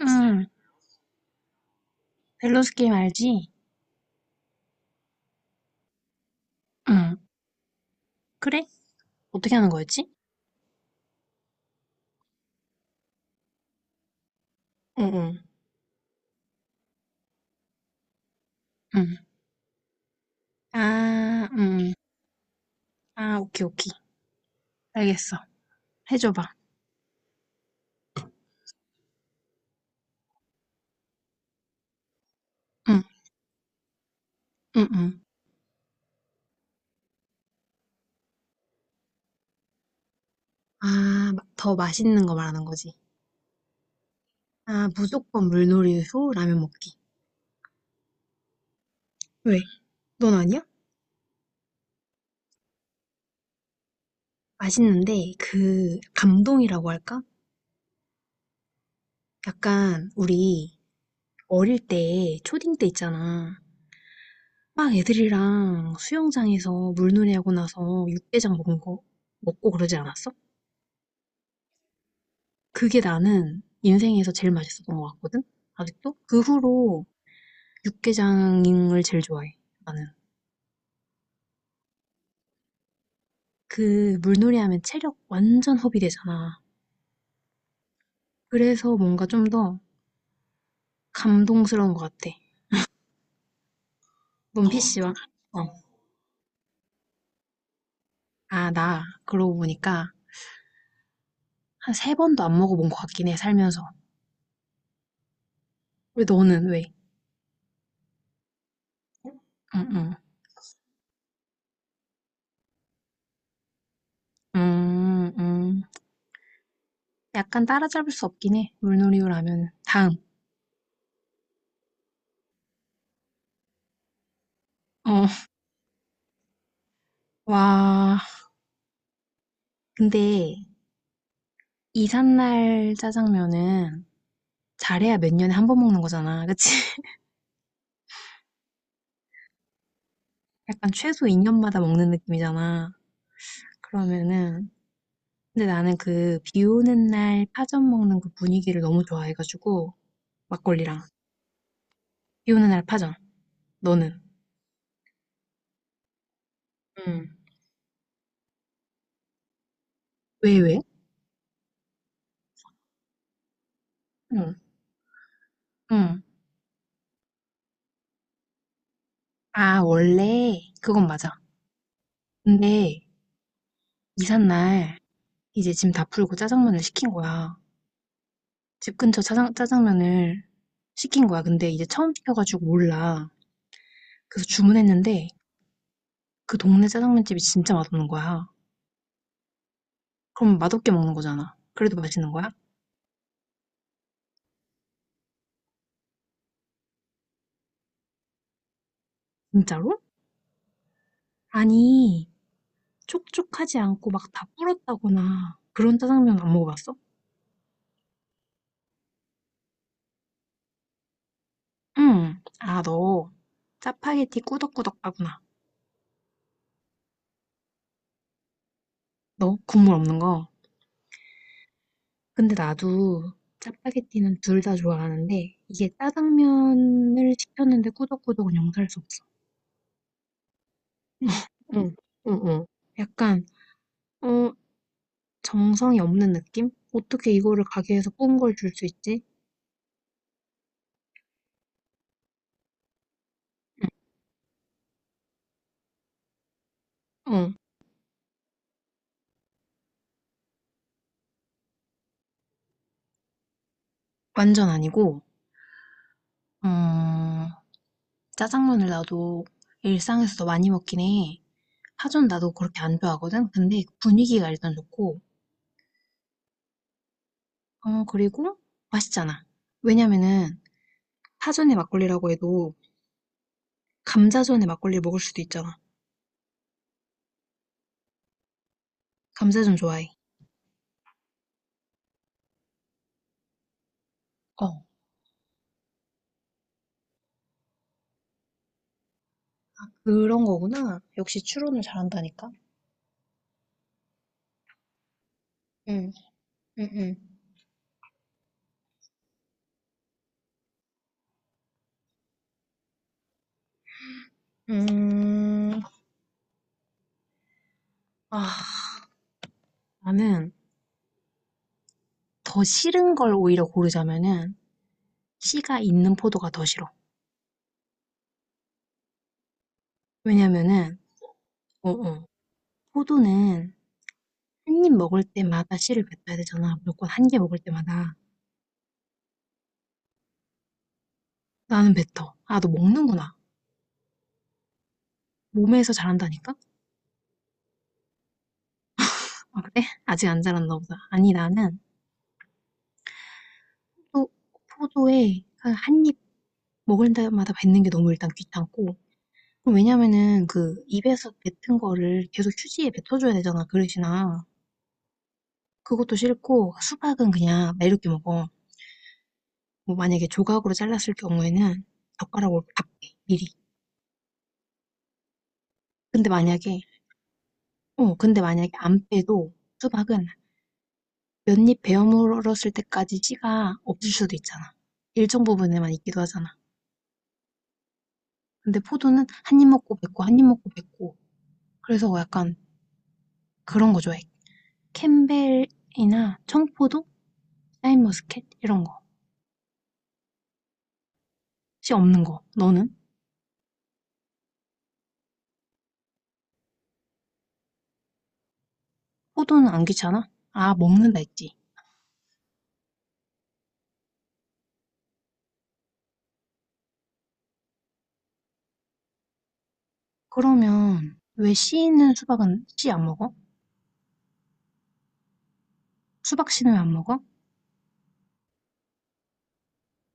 응, 밸런스 게임 알지? 응, 그래? 어떻게 하는 거였지? 응, 응. 응. 아, 응. 아, 오케이, 오케이. 알겠어. 해줘봐. 응, 응, 응. 아, 더 맛있는 거 말하는 거지. 아, 무조건 물놀이 후 라면 먹기. 왜? 넌 아니야? 맛있는데, 그, 감동이라고 할까? 약간, 우리, 어릴 때, 초딩 때 있잖아. 막 애들이랑 수영장에서 물놀이 하고 나서 육개장 먹은 거, 먹고 그러지 않았어? 그게 나는 인생에서 제일 맛있었던 것 같거든? 아직도? 그 후로 육개장을 제일 좋아해, 나는. 그 물놀이 하면 체력 완전 허비되잖아. 그래서 뭔가 좀 더 감동스러운 것 같아. 넌 PC방? 어. 아, 나 그러고 보니까 한 세 번도 안 먹어본 것 같긴 해, 살면서. 왜 너는 왜? 응, 응. 음, 음. 약간 따라잡을 수 없긴 해, 물놀이라면. 다음. 어, 와. 근데 이삿날 짜장면은 잘해야 몇 년에 한 번 먹는 거잖아. 그치? 약간 최소 2년 년마다 먹는 느낌이잖아. 그러면은 근데 나는 그 비 오는 날 파전 먹는 그 분위기를 너무 좋아해 가지고 막걸리랑 비 오는 날 파전. 너는? 응. 왜, 왜? 응. 응. 아, 원래 그건 맞아. 근데 이삿 날 이제 짐 다 풀고 짜장면을 시킨 거야. 집 근처 짜장면을 시킨 거야. 근데 이제 처음 시켜가지고 몰라. 그래서 주문했는데 그 동네 짜장면집이 진짜 맛없는 거야. 그럼 맛없게 먹는 거잖아. 그래도 맛있는 거야? 진짜로? 아니, 촉촉하지 않고 막 다 불었다거나 그런 짜장면 안 먹어봤어? 응. 아, 너 짜파게티 꾸덕꾸덕 하구나. 너 국물 없는 거. 근데 나도 짜파게티는 둘 다 좋아하는데 이게 짜장면을 시켰는데 꾸덕꾸덕은 용서할 수 없어. 응 응. 응 응. 약간 어, 정성이 없는 느낌? 어떻게 이거를 가게에서 뽑은 걸 줄 수 있지? 응. 어, 완전 아니고 음, 짜장면을 나도 일상에서도 많이 먹긴 해. 파전 나도 그렇게 안 좋아하거든? 근데 그 분위기가 일단 좋고, 어, 그리고 맛있잖아. 왜냐면은 파전의 막걸리라고 해도 감자전에 막걸리를 먹을 수도 있잖아. 감자전 좋아해. 어, 그런 거구나. 역시 추론을 잘한다니까. 응, 응, 응. 음, 아, 나는 더 싫은 걸 오히려 고르자면은 씨가 있는 포도가 더 싫어. 왜냐면은, 어, 어, 포도는 한 입 먹을 때마다 씨를 뱉어야 되잖아 무조건 한 개 먹을 때마다. 나는 뱉어. '아 너 먹는구나. 몸에서 자란다니까?' '아 그래? 아직 안 자랐나 보다.' 아니 나는 포도 포도에 한 입 먹을 때마다 뱉는 게 너무 일단 귀찮고 그 왜냐면은 그 입에서 뱉은 거를 계속 휴지에 뱉어줘야 되잖아 그릇이나. 그것도 싫고 수박은 그냥 매렵게 먹어. 뭐 만약에 조각으로 잘랐을 경우에는 젓가락으로 다 빼 미리. 근데 만약에 어 근데 만약에 안 빼도 수박은 몇 입 베어 물었을 때까지 씨가 없을 수도 있잖아. 일정 부분에만 있기도 하잖아. 근데 포도는 한 입 먹고 뱉고 한 입 먹고 뱉고 그래서 약간 그런 거 좋아해. 캠벨이나 청포도, 샤인머스켓 이런 거. 씨 없는 거. 너는? 포도는 안 귀찮아? 아 먹는다 했지. 그러면 왜 씨 있는 수박은 씨 안 먹어? 수박 씨는 왜 안 먹어?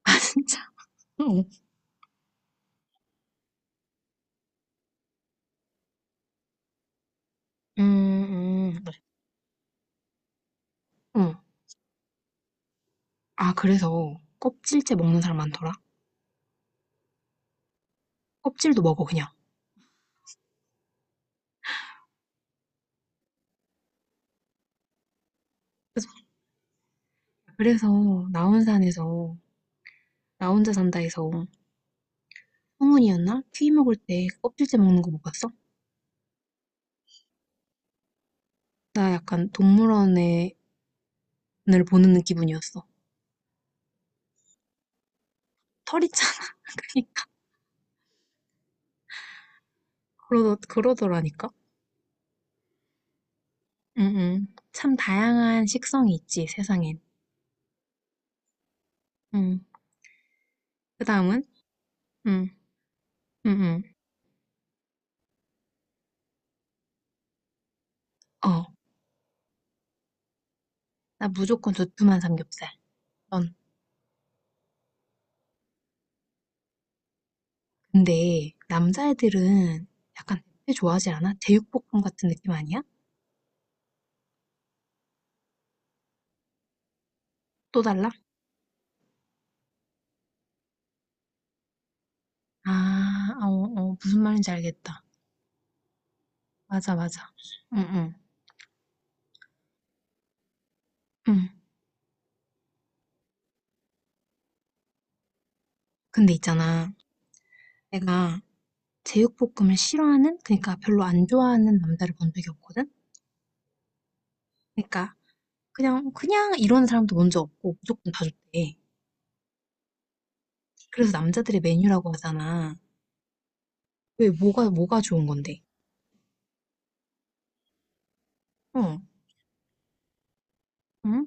아 진짜. 응. 음. 그래. 응. 아 그래서 껍질째 먹는 사람 많더라. 껍질도 먹어 그냥. 그래서 나 혼산에서 나 혼자 산다에서 성훈이었나? 퀴 먹을 때 껍질째 먹는 거 못 봤어? 나 약간 동물원을 보는 기분이었어. 털 있잖아. 그러니까 그러더라니까. 응응. 참 다양한 식성이 있지 세상엔. 응. 그 다음은 응. 응응. 어. 나 무조건 두툼한 삼겹살. 넌. 근데 남자애들은 약간 회 좋아하지 않아? 제육볶음 같은 느낌 아니야? 또 달라? 아, 어, 어, 무슨 말인지 알겠다. 맞아, 맞아. 응응. 응. 근데 있잖아. 내가 제육볶음을 싫어하는 그러니까 별로 안 좋아하는 남자를 본 적이 없거든. 그러니까 그냥 그냥 이런 사람도 먼저 없고 무조건 다 좋대. 그래서 남자들의 메뉴라고 하잖아. 왜 뭐가 뭐가 좋은 건데? 어. 응?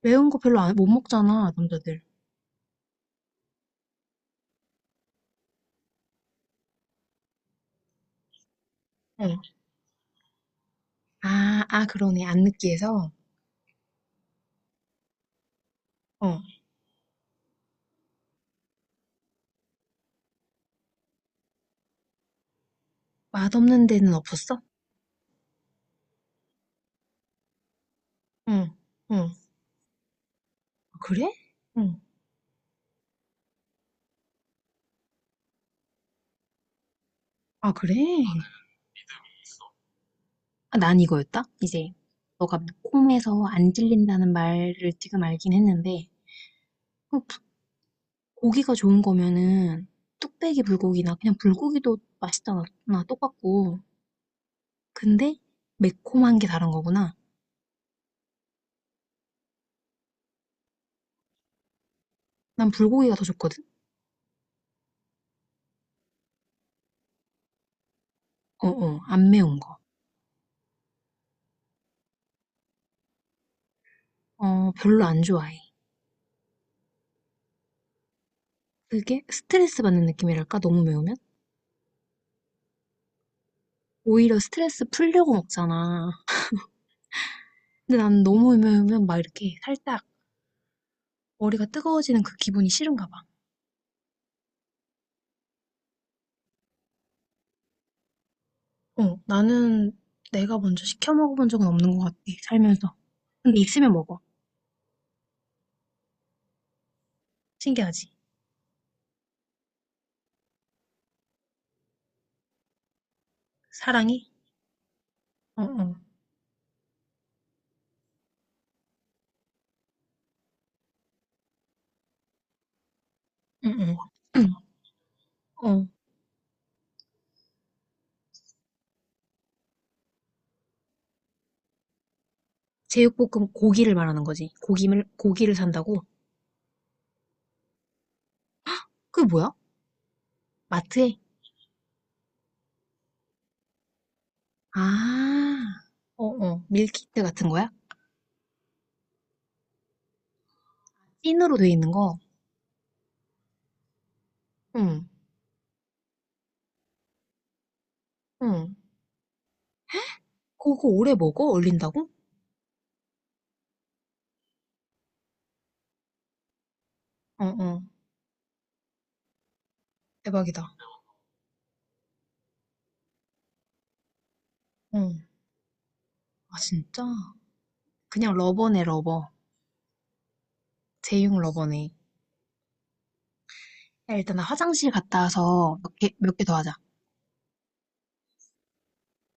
매운 거 별로 안, 못 먹잖아, 남자들. 어. 아, 아 그러네. 안 느끼해서. 어. 맛없는 데는 없었어? 응. 응. 그래? 응. 아, 그래? 아, 난 이거였다? 이제 너가 콤에서 안 질린다는 말을 지금 알긴 했는데 그 부- 고기가 좋은 거면은 뚝배기 불고기나 그냥 불고기도 맛있잖아 나 똑같고 근데 매콤한 게 다른 거구나. 난 불고기가 더 좋거든. 어어 안 매운 거어 별로 안 좋아해. 그게 스트레스 받는 느낌이랄까 너무 매우면 오히려 스트레스 풀려고 먹잖아. 근데 난 너무 매우면 막 이렇게 살짝 머리가 뜨거워지는 그 기분이 싫은가 봐. 어, 나는 내가 먼저 시켜 먹어본 적은 없는 것 같아, 살면서. 근데 있으면 먹어. 신기하지? 사랑이? 어, 어, 응, 응. 응, 어, 제육볶음 고기를 말하는 거지. 고기를 산다고? 그게 뭐야? 마트에? 아, 어, 어. 밀키트 같은 거야? 찐으로 돼 있는 거? 응, 응. 그거 오래 먹어? 얼린다고? 어, 어. 대박이다. 응. 아, 진짜? 그냥 러버네, 러버. 제육 러버네. 야, 일단 나 화장실 갔다 와서 몇 개, 몇 개 더 하자.